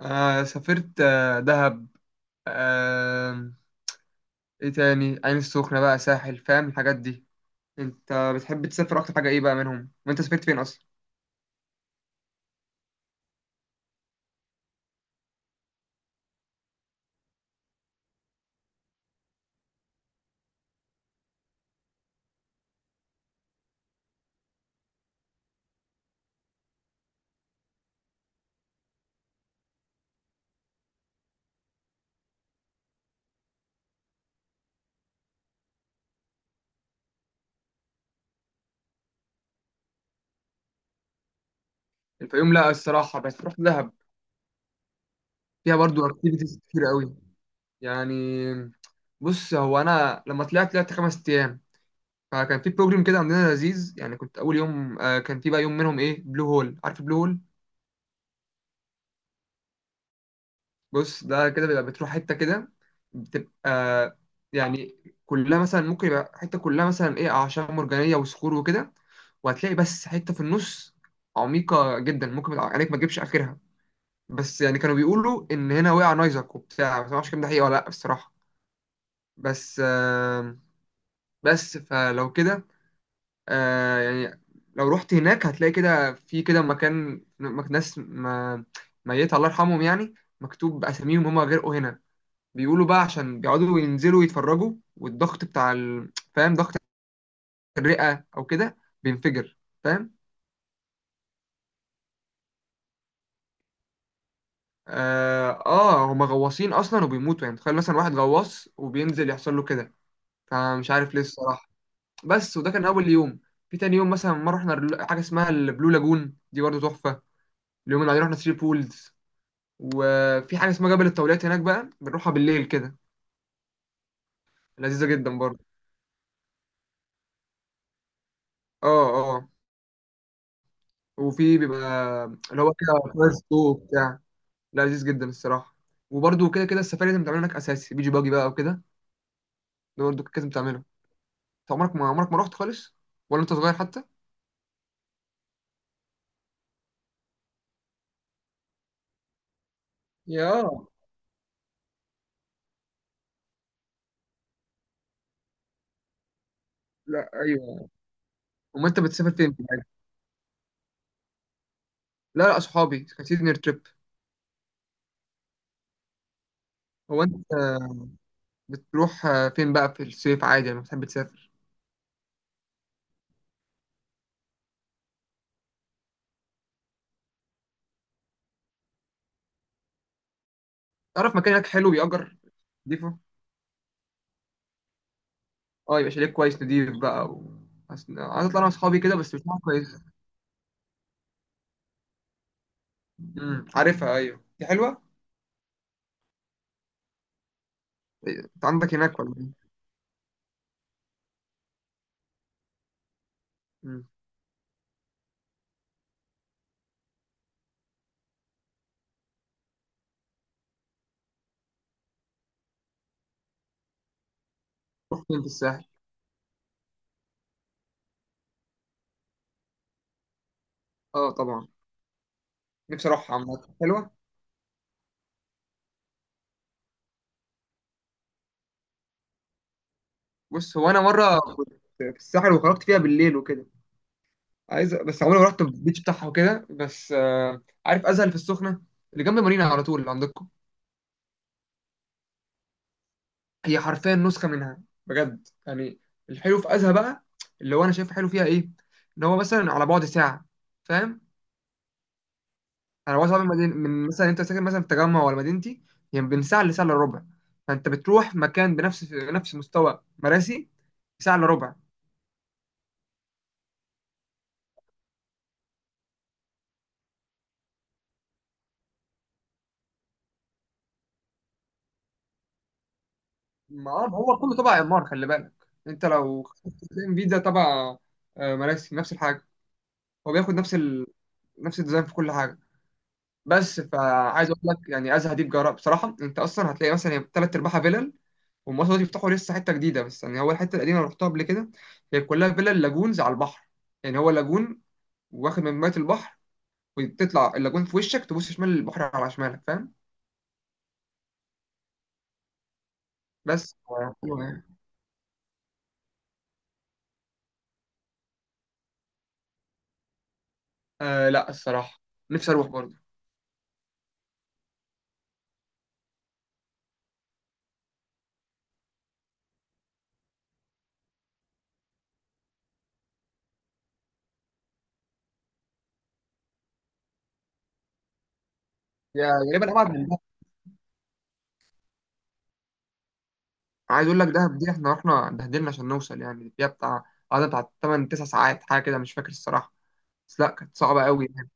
آه سافرت دهب. آه ايه تاني؟ عين السخنة بقى، ساحل، فاهم الحاجات دي. انت بتحب تسافر اكتر حاجة ايه بقى منهم، وانت سافرت فين اصلا؟ الفيوم لا الصراحة، بس رحت دهب. فيها برضو اكتيفيتيز كتير قوي. يعني بص، هو انا لما طلعت، طلعت خمس ايام، فكان في بروجرام كده عندنا لذيذ. يعني كنت اول يوم كان في بقى يوم منهم ايه، بلو هول، عارف بلو هول؟ بص، ده كده بيبقى بتروح حتة كده، بتبقى يعني كلها مثلا ممكن يبقى حتة كلها مثلا ايه، أعشاب مرجانية وصخور وكده، وهتلاقي بس حتة في النص عميقة جدا، ممكن يبقى عينيك ما تجيبش آخرها. بس يعني كانوا بيقولوا إن هنا وقع نايزك وبتاع، بس ما اعرفش الكلام ده حقيقة ولا لأ الصراحة. بس آه بس فلو كده يعني لو رحت هناك هتلاقي كده في كده مكان، ناس ما ميت، الله يرحمهم يعني، مكتوب أساميهم هما غرقوا هنا. بيقولوا بقى عشان بيقعدوا ينزلوا يتفرجوا، والضغط بتاع فاهم، ضغط الرئة او كده بينفجر، فاهم. اه, آه هما غواصين اصلا وبيموتوا. يعني تخيل مثلا واحد غواص وبينزل يحصل له كده، فمش عارف ليه الصراحة. بس وده كان اول يوم. في تاني يوم مثلا مرة رحنا حاجة اسمها البلو لاجون دي، برضه تحفة. اليوم اللي بعدين رحنا ثري بولز، وفي حاجة اسمها جبل الطاولات هناك بقى، بنروحها بالليل كده، لذيذة جدا برضه. اه اه. وفي بيبقى اللي هو كده فاير سلو بتاع، لذيذ جدا الصراحه. وبرده كده كده السفاري لازم تعمل هناك اساسي، بيجي باجي بقى وكده، ده برده لازم تعمله. انت عمرك ما، رحت خالص؟ ولا انت صغير حتى؟ يا لا ايوه. امال انت بتسافر فين في العادي؟ لا لا، صحابي كان سيزنير تريب. هو انت بتروح فين بقى في الصيف عادي لما بتحب تسافر؟ تعرف مكان هناك حلو، بيأجر، نضيفه؟ اه، يبقى شاليه كويس نضيف بقى و... عايز اطلع انا واصحابي كده، بس مش عارف كويس. امم، عارفها، ايوه دي حلوه. إيه، انت عندك هناك ولا ايه؟ امم. رحت فين في الساحل؟ اه طبعا. نفسي اروح، عامة حلوة. بص هو انا مرة كنت في الساحل وخرجت فيها بالليل وكده. عايز، بس عمري ما رحت البيتش بتاعها وكده، بس عارف ازهل في السخنة، اللي جنب مارينا على طول اللي عندكم؟ هي حرفيا نسخة منها، بجد يعني. الحلو في ازهى بقى، اللي هو انا شايف حلو فيها ايه، ان هو مثلا على بعد ساعة، فاهم. انا بعد ساعة من من مثلا، انت ساكن مثلا في التجمع ولا مدينتي، هي يعني بين ساعة لساعة الا ربع. فانت بتروح مكان بنفس مستوى مراسي ساعة الا ربع. ما هو كله تبع إعمار، خلي بالك. أنت لو ام في ده تبع مراسي نفس الحاجة، هو بياخد نفس نفس الديزاين في كل حاجة. بس فعايز أقول لك يعني أزهى دي بجراء بصراحة، أنت أصلا هتلاقي مثلا هي تلات أرباعها فيلل، والمصر دول يفتحوا لسه حتة جديدة، بس يعني هو الحتة القديمة اللي رحتها قبل كده، هي كلها فيلل لاجونز على البحر. يعني هو لاجون واخد من مية البحر، وتطلع اللاجون في وشك، تبص شمال البحر على شمالك، فاهم. بس آه لا الصراحة، نفسي أروح برضه. يا غالبا أبعد من، عايز اقول لك دهب دي احنا رحنا اتبهدلنا عشان نوصل، يعني فيها بتاع، قعدنا بتاع 8 9 ساعات حاجه كده، مش فاكر الصراحه، بس لا كانت صعبه قوي يعني.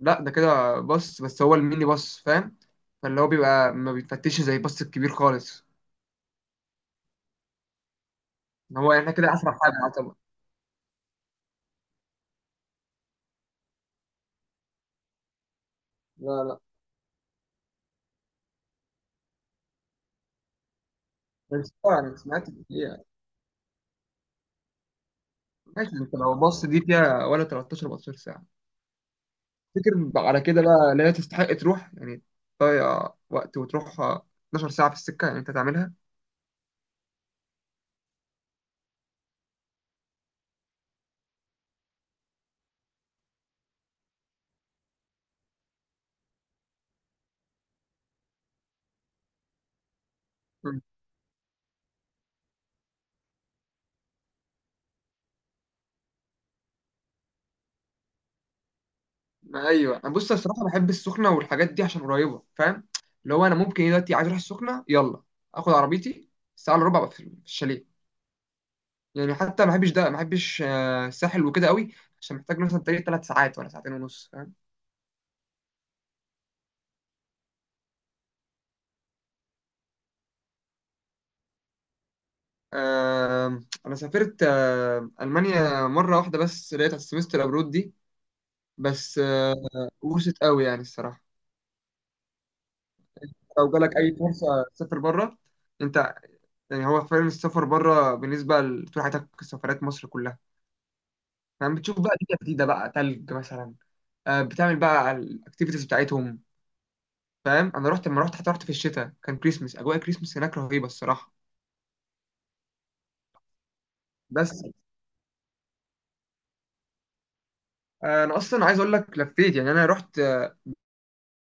لا ده كده باص، بس هو الميني باص فاهم، فاللي هو بيبقى ما بيتفتش زي الباص الكبير خالص. ان هو احنا كده اسرع حاجه يعتبر. لا لا. بس انا سمعت إن هي، ماشي انت لو باص دي فيها ولا 13 14 ساعه؟ تفتكر على كده بقى لا هي تستحق تروح؟ يعني تضيع وقت وتروح 12 ساعه في السكه، يعني انت تعملها. ايوه انا بص، أنا الصراحه بحب السخنه والحاجات دي عشان قريبه، فاهم. اللي هو انا ممكن إيه دلوقتي، عايز اروح السخنه، يلا اخد عربيتي، الساعه الا ربع أبقى في في الشاليه. يعني حتى ما بحبش ده، ما بحبش الساحل وكده قوي، عشان محتاج مثلا طريق ثلاث ساعات ولا ساعتين ونص، فاهم. آه انا سافرت المانيا مره واحده، بس لقيت على السمستر ابرود دي، بس آه، وست قوي يعني الصراحه. لو جالك اي فرصه تسافر بره انت، يعني هو فعلا السفر بره بالنسبه لطول حياتك سفرات مصر كلها، فاهم، بتشوف بقى دنيا جديده بقى، تلج مثلا، آه، بتعمل بقى الاكتيفيتيز بتاعتهم، فاهم. انا رحت، لما رحت حتى رحت في الشتاء، كان كريسمس، اجواء كريسمس هناك رهيبه الصراحه. بس انا اصلا عايز اقول لك لفيت. يعني انا رحت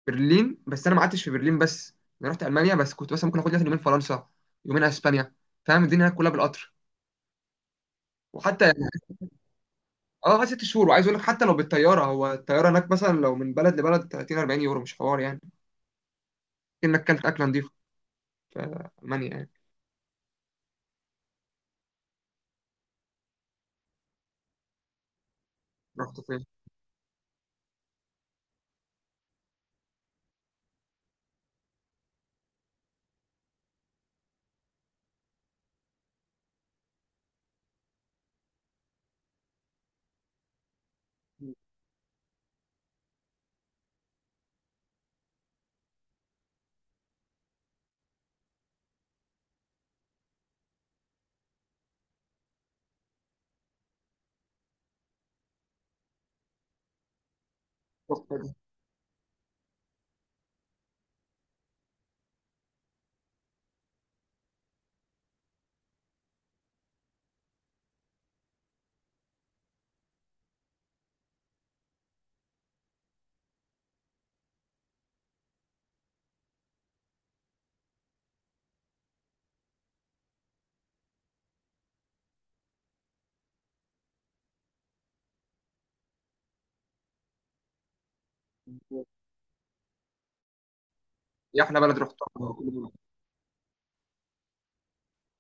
برلين، بس انا ما قعدتش في برلين بس، انا رحت المانيا، بس كنت مثلا ممكن اخد لي مثلاً يومين فرنسا، يومين اسبانيا، فاهم، الدنيا هناك كلها بالقطر. وحتى يعني اه قعدت ست شهور، وعايز اقول لك حتى لو بالطياره، هو الطياره هناك مثلا لو من بلد لبلد 30 40 يورو، مش حوار يعني، انك كلت اكله نظيفه في المانيا يعني. رحت فين؟ ايه احلى بلد رحتها؟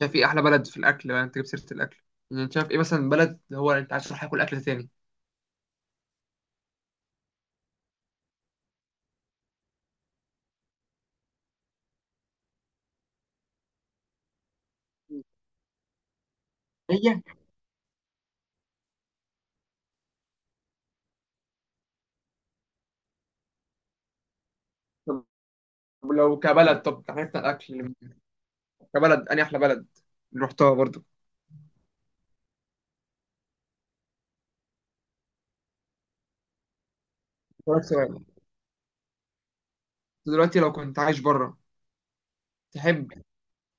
شايف ايه احلى بلد في الاكل بقى، انت جبت سيره الاكل؟ يعني شايف ايه مثلا بلد، هو انت عايز تروح تاكل اكل تاني؟ هي، طب لو كبلد، طب عرفنا الاكل، كبلد اني احلى بلد اللي رحتها برضو؟ أسألك سؤال، دلوقتي لو كنت عايش بره، تحب،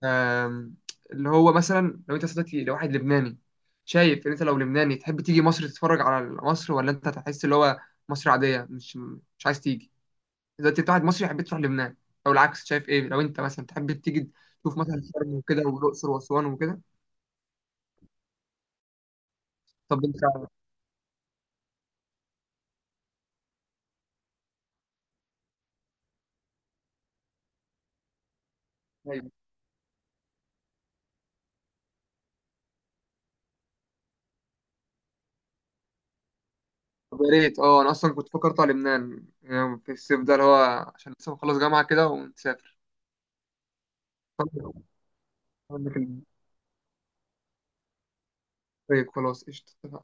آم، اللي هو مثلا لو انت صدقتي لواحد لبناني، شايف ان انت لو لبناني تحب تيجي مصر تتفرج على مصر، ولا انت هتحس اللي هو مصر عاديه، مش عايز تيجي؟ دلوقتي انت واحد مصري حبيت تروح لبنان، او العكس شايف ايه لو انت مثلا تحب تيجي تشوف مثلا شرم وكده والاقصر واسوان وكده؟ طب انت، ايوه. طب يا ريت، اه انا اصلا كنت فكرت على لبنان يعني في الصيف ده، اللي هو عشان لسه بخلص جامعه كده ونسافر. طب، عندك البريك؟ خلاص قشطه.